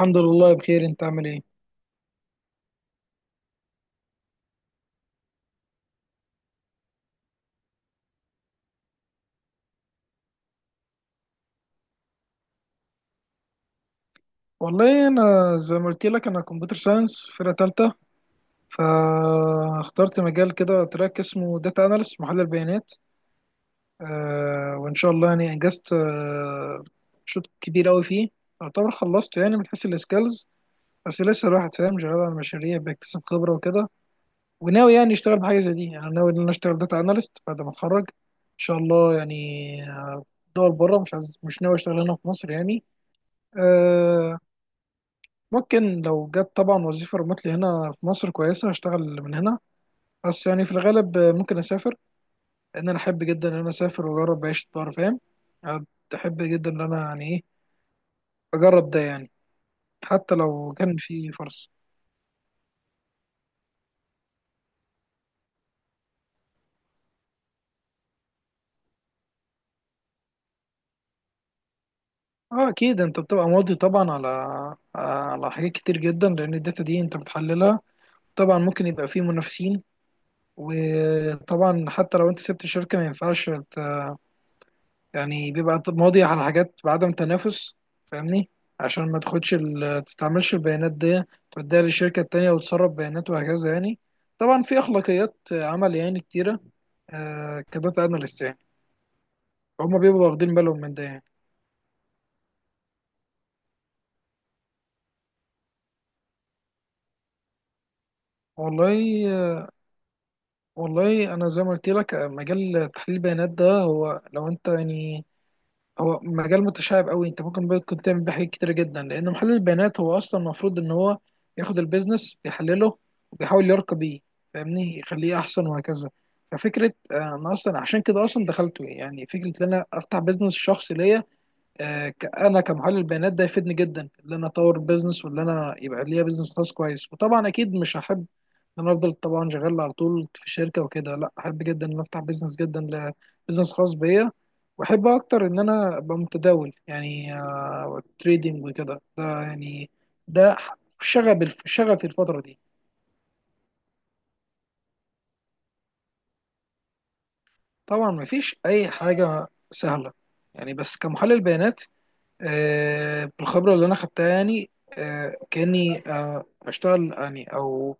الحمد لله بخير. انت عامل ايه؟ والله انا زي ما قلت لك، انا كمبيوتر ساينس فرقه تالتة، فاخترت مجال كده تراك اسمه داتا اناليست، محلل بيانات. وان شاء الله يعني انجزت شوط كبير قوي فيه، يعتبر خلصته يعني من حيث السكيلز، بس لسه الواحد فاهم شغال على مشاريع، بيكتسب خبره وكده. وناوي يعني اشتغل بحاجه زي دي، يعني ناوي ان انا اشتغل داتا اناليست بعد ما اتخرج ان شاء الله يعني. دول بره، مش عايز مش ناوي اشتغل هنا في مصر يعني. آه، ممكن لو جت طبعا وظيفة ريموتلي هنا في مصر كويسة هشتغل من هنا، بس يعني في الغالب ممكن أسافر، لأن أنا أحب جدا إن أنا أسافر وأجرب عيشة بره، فاهم؟ أحب جدا إن أنا يعني إيه، أجرب ده يعني، حتى لو كان في فرص. أه أكيد، أنت بتبقى ماضي طبعا على حاجات كتير جدا لأن الداتا دي أنت بتحللها. طبعا ممكن يبقى فيه منافسين، وطبعا حتى لو أنت سبت الشركة ما ينفعش، يعني بيبقى ماضي على حاجات بعدم تنافس، فاهمني؟ عشان ما تاخدش تستعملش البيانات دي، توديها للشركة التانية وتسرب بيانات وهكذا يعني. طبعا في أخلاقيات عمل يعني كتيرة، كداتا أناليست يعني، هما بيبقوا واخدين بالهم من ده يعني. والله والله أنا زي ما قلت لك مجال تحليل البيانات ده، هو لو أنت يعني، هو مجال متشعب قوي. انت ممكن تعمل بيه حاجات كتيره جدا لان محلل البيانات هو اصلا المفروض ان هو ياخد البيزنس بيحلله وبيحاول يرقى بيه، فاهمني؟ يخليه احسن وهكذا. ففكره انا اصلا عشان كده اصلا دخلته، يعني فكره ان انا افتح بيزنس شخصي ليا. انا كمحلل بيانات ده يفيدني جدا ان انا اطور بيزنس، وان انا يبقى ليا بيزنس خاص كويس. وطبعا اكيد مش هحب ان انا افضل طبعا شغال على طول في شركه وكده، لا احب جدا ان أنا افتح بيزنس جدا، بيزنس خاص بيا. واحب اكتر ان انا ابقى متداول يعني، تريدنج وكده، ده يعني، ده ح- شغفي الفتره دي. طبعا مفيش اي حاجه سهله يعني، بس كمحلل بيانات بالخبرة اللي أنا خدتها يعني، كأني أشتغل يعني أو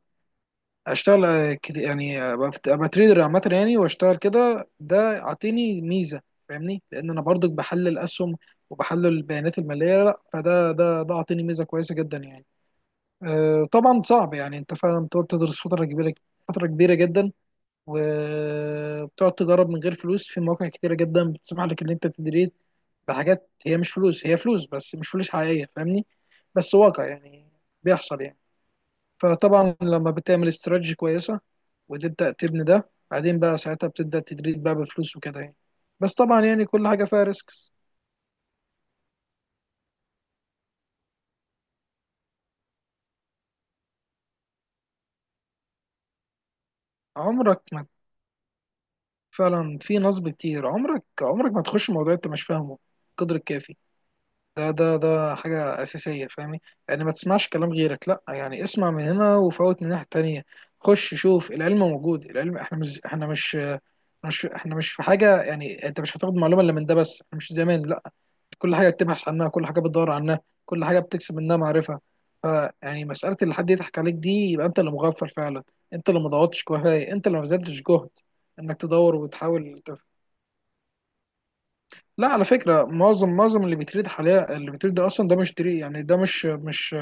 أشتغل كده يعني أبقى تريدر عامة يعني، وأشتغل كده، ده أعطيني ميزة، فاهمني؟ لأن أنا برضك بحلل أسهم وبحلل البيانات المالية، لا فده ده أعطيني ميزة كويسة جدا يعني. طبعا صعب يعني، أنت فعلا بتقعد تدرس فترة كبيرة، فترة كبيرة جدا. وبتقعد تجرب من غير فلوس في مواقع كتيرة جدا بتسمح لك ان انت تدريت بحاجات، هي مش فلوس، هي فلوس بس مش فلوس حقيقية، فاهمني؟ بس واقع يعني، بيحصل يعني. فطبعا لما بتعمل استراتيجي كويسة وتبدأ تبني ده، بعدين بقى ساعتها بتبدأ تدريت بقى بفلوس وكده يعني. بس طبعا يعني كل حاجة فيها ريسكس. عمرك ما، فعلا في نصب كتير. عمرك ما تخش موضوع انت مش فاهمه القدر الكافي. ده حاجة أساسية، فاهمي؟ يعني ما تسمعش كلام غيرك، لأ يعني اسمع من هنا وفوت من الناحية التانية. خش شوف العلم موجود، العلم احنا مش في حاجة يعني انت مش هتاخد معلومة إلا من ده بس، احنا مش زمان لأ. كل حاجة بتبحث عنها، كل حاجة بتدور عنها، كل حاجة بتكسب منها معرفة. ف، يعني مسألة اللي حد يضحك عليك دي، يبقى انت اللي مغفل فعلا، انت اللي ما ضغطتش كفاية، انت اللي ما بذلتش جهد انك تدور وتحاول. لا على فكرة معظم اللي بيتريد حاليا، اللي بيتريد ده أصلا ده مش تري يعني، ده مش مش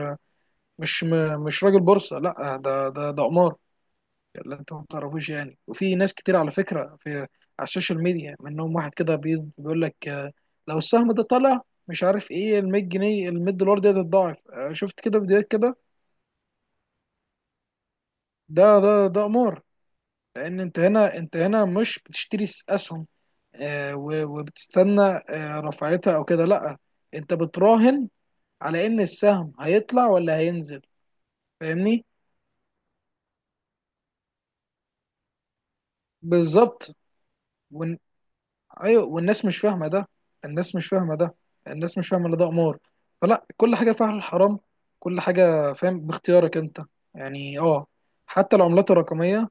مش م- مش راجل بورصة، لا ده ده قمار اللي أنت ما تعرفوش يعني. وفي ناس كتير على فكرة في على السوشيال ميديا منهم، واحد كده بيقول لك لو السهم ده طلع مش عارف إيه ال 100 جنيه ال 100 دولار دي هتتضاعف. شفت كده فيديوهات كده؟ ده ده قمار. لأن أنت هنا، أنت هنا مش بتشتري أسهم وبتستنى رفعتها أو كده، لا انت بتراهن على ان السهم هيطلع ولا هينزل، فاهمني؟ بالظبط. ون... ايوه، والناس مش فاهمه ده، الناس مش فاهمه ده، الناس مش فاهمه ان ده قمار. فلا كل حاجه فيها الحرام، كل حاجه فاهم باختيارك انت يعني. اه حتى العملات الرقميه،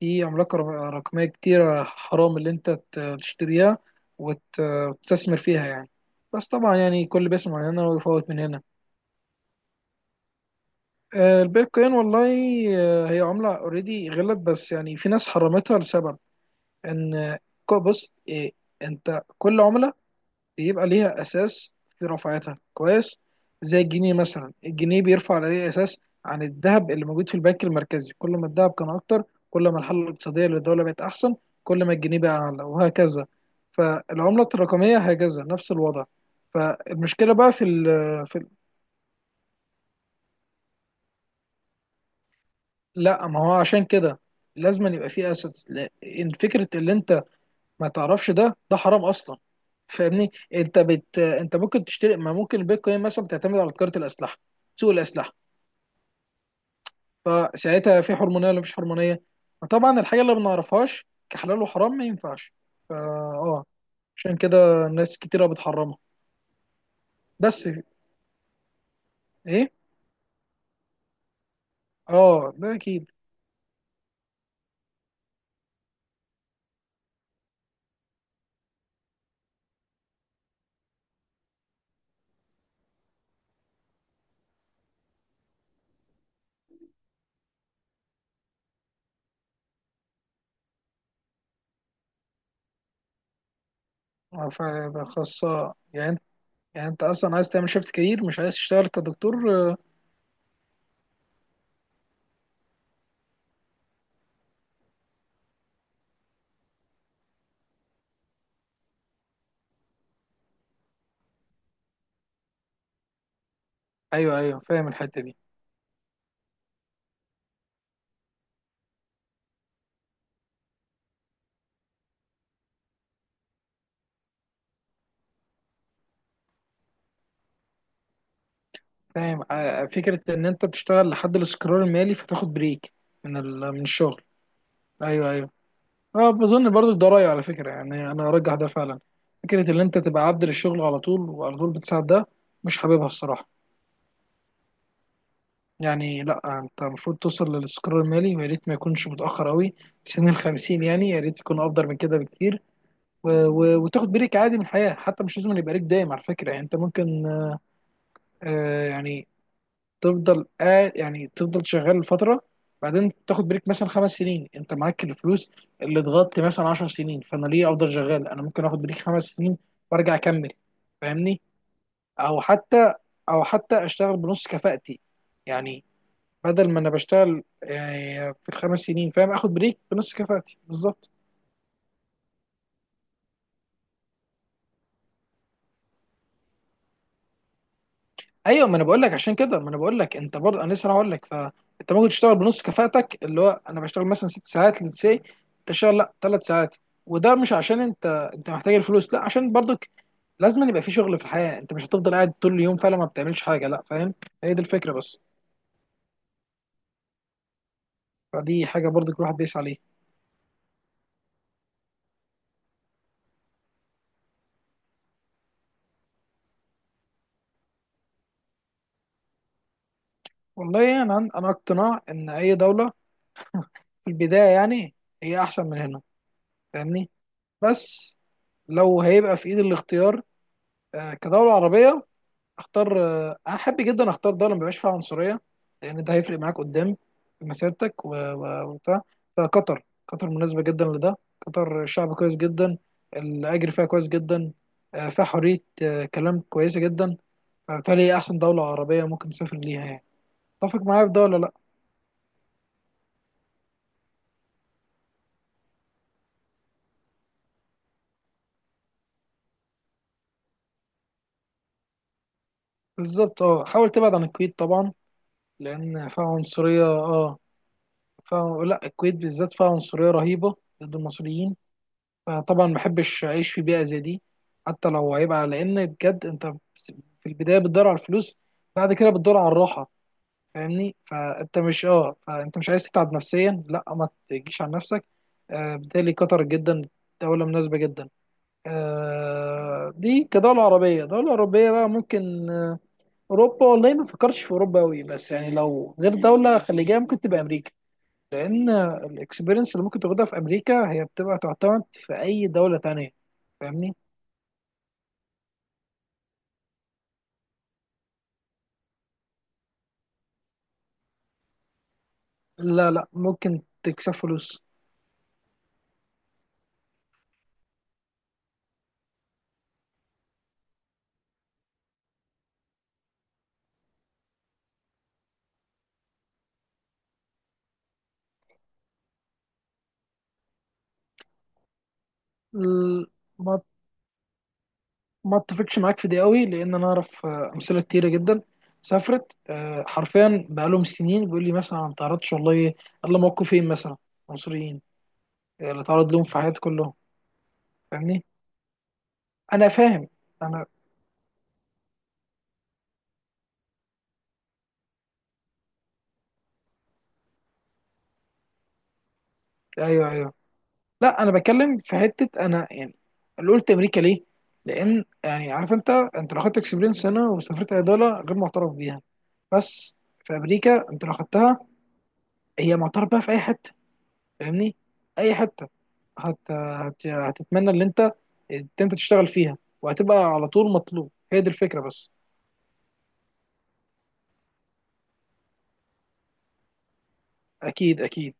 في رقميه كتيره حرام اللي انت تشتريها وت- وتستثمر فيها يعني. بس طبعا يعني كل بيسمع من هنا ويفوت من هنا. البيتكوين والله، هي عمله اوريدي غلت، بس يعني في ناس حرمتها لسبب، ان بص إيه، انت كل عملة بيبقى ليها اساس في رفعتها كويس. زي الجنيه مثلا، الجنيه بيرفع على اي اساس؟ عن الذهب اللي موجود في البنك المركزي. كل ما الذهب كان اكتر، كل ما الحالة الاقتصادية للدولة بقت احسن، كل ما الجنيه بقى اعلى وهكذا. فالعملة الرقمية هكذا نفس الوضع. فالمشكلة بقى في ال لا ما هو عشان كده لازم يبقى فيه اسيتس. فكرة اللي انت ما تعرفش ده، حرام اصلا، فاهمني؟ انت ممكن تشتري، ما ممكن البيتكوين مثلا بتعتمد على تجاره الاسلحه، سوق الاسلحه. فساعتها في حرمانيه ولا مفيش حرمانيه؟ فطبعا الحاجه اللي ما نعرفهاش كحلال وحرام ما ينفعش. فا اه عشان كده ناس كتيره بتحرمها. بس ايه، اه ده اكيد. فده خاصه يعني، يعني انت اصلا عايز تعمل شيفت كارير، مش عايز تشتغل كدكتور ايوه ايوه فاهم الحته دي. فاهم فكرة إن أنت تشتغل لحد الاستقرار المالي فتاخد بريك من الشغل. أيوه أيوه، أه. بظن برضو ده رأيي على فكرة يعني، أنا أرجح ده فعلا. فكرة إن أنت تبقى عبد للشغل على طول وعلى طول بتساعد ده، مش حاببها الصراحة. يعني لأ أنت المفروض توصل للاستقرار المالي، ويا ريت ما يكونش متأخر أوي سن ال 50 يعني، يا ريت يكون أفضل من كده بكتير. و... و... وتاخد بريك عادي من الحياة، حتى مش لازم يبقى ليك دايم على فكرة يعني. أنت ممكن يعني تفضل يعني تفضل شغال فتره، بعدين تاخد بريك مثلا 5 سنين، انت معاك الفلوس اللي اتغطي مثلا 10 سنين، فانا ليه افضل شغال؟ انا ممكن اخد بريك 5 سنين وارجع اكمل، فاهمني؟ او حتى، اشتغل بنص كفاءتي يعني، بدل ما انا بشتغل في ال 5 سنين فاهم، اخد بريك بنص كفاءتي بالظبط. ايوه ما انا بقول لك، عشان كده ما انا بقول لك انت برضه، انا لسه هقول لك، فانت ممكن تشتغل بنص كفاءتك، اللي هو انا بشتغل مثلا 6 ساعات للسي، تشتغل لا 3 ساعات. وده مش عشان انت، محتاج الفلوس لا، عشان برضك لازم يبقى في شغل في الحياه، انت مش هتفضل قاعد طول اليوم فعلا ما بتعملش حاجه، لا فاهم؟ هي دي الفكره بس. فدي حاجه برضك الواحد بيسعى عليها. والله انا اقتناع ان اي دوله في البدايه يعني هي احسن من هنا، فاهمني؟ بس لو هيبقى في ايد الاختيار كدوله عربيه، اختار انا احب جدا اختار دوله ما بيبقاش فيها عنصريه، لان ده هيفرق معاك قدام في مسيرتك و- و- وبتاع. فقطر، قطر مناسبه جدا لده. قطر شعب كويس جدا، الاجر فيها كويس جدا، فيها حريه كلام كويسه جدا. فبالتالي هي احسن دوله عربيه ممكن تسافر ليها يعني. اتفق معايا في ده ولا لا؟ بالظبط، اه حاول تبعد عن الكويت طبعا، لان فيها عنصريه، اه فيها، لا الكويت بالذات فيها عنصريه رهيبه ضد المصريين، فطبعا ما بحبش اعيش في بيئه زي دي. حتى لو هيبقى، لان بجد انت في البدايه بتدور على الفلوس، بعد كده بتدور على الراحه، فاهمني؟ فانت مش اه فانت مش عايز تتعب نفسيا، لا ما تجيش على نفسك. آه بالتالي قطر جدا دوله مناسبه جدا، آه دي كدوله عربيه. دوله اوروبيه بقى ممكن آه، اوروبا والله ما فكرتش في اوروبا قوي، بس يعني لو غير دوله خليجيه ممكن تبقى امريكا، لان الاكسبيرينس اللي ممكن تاخدها في امريكا هي بتبقى تعتمد في اي دوله تانية، فاهمني؟ لا لا ممكن تكسب فلوس. ال- ما ما اتفقش معاك في دي قوي، لان انا اعرف امثله كتيره جدا سافرت حرفيا بقالهم سنين، بيقول لي مثلا أنا ما تعرضتش والله الا موقفين مثلا مصريين. اللي تعرض لهم في حياتي كلهم، فاهمني؟ انا فاهم، انا، ايوه ايوه. لا انا بتكلم في حته انا يعني، اللي قلت امريكا ليه؟ لان يعني عارف انت، لو خدت اكسبيرينس هنا وسافرت عضله غير معترف بيها. بس في امريكا انت لو خدتها، هي معترف بيها في اي حته. فاهمني؟ اي حته هتتمنى ان انت تشتغل فيها وهتبقى على طول مطلوب. هي دي الفكره بس. اكيد اكيد.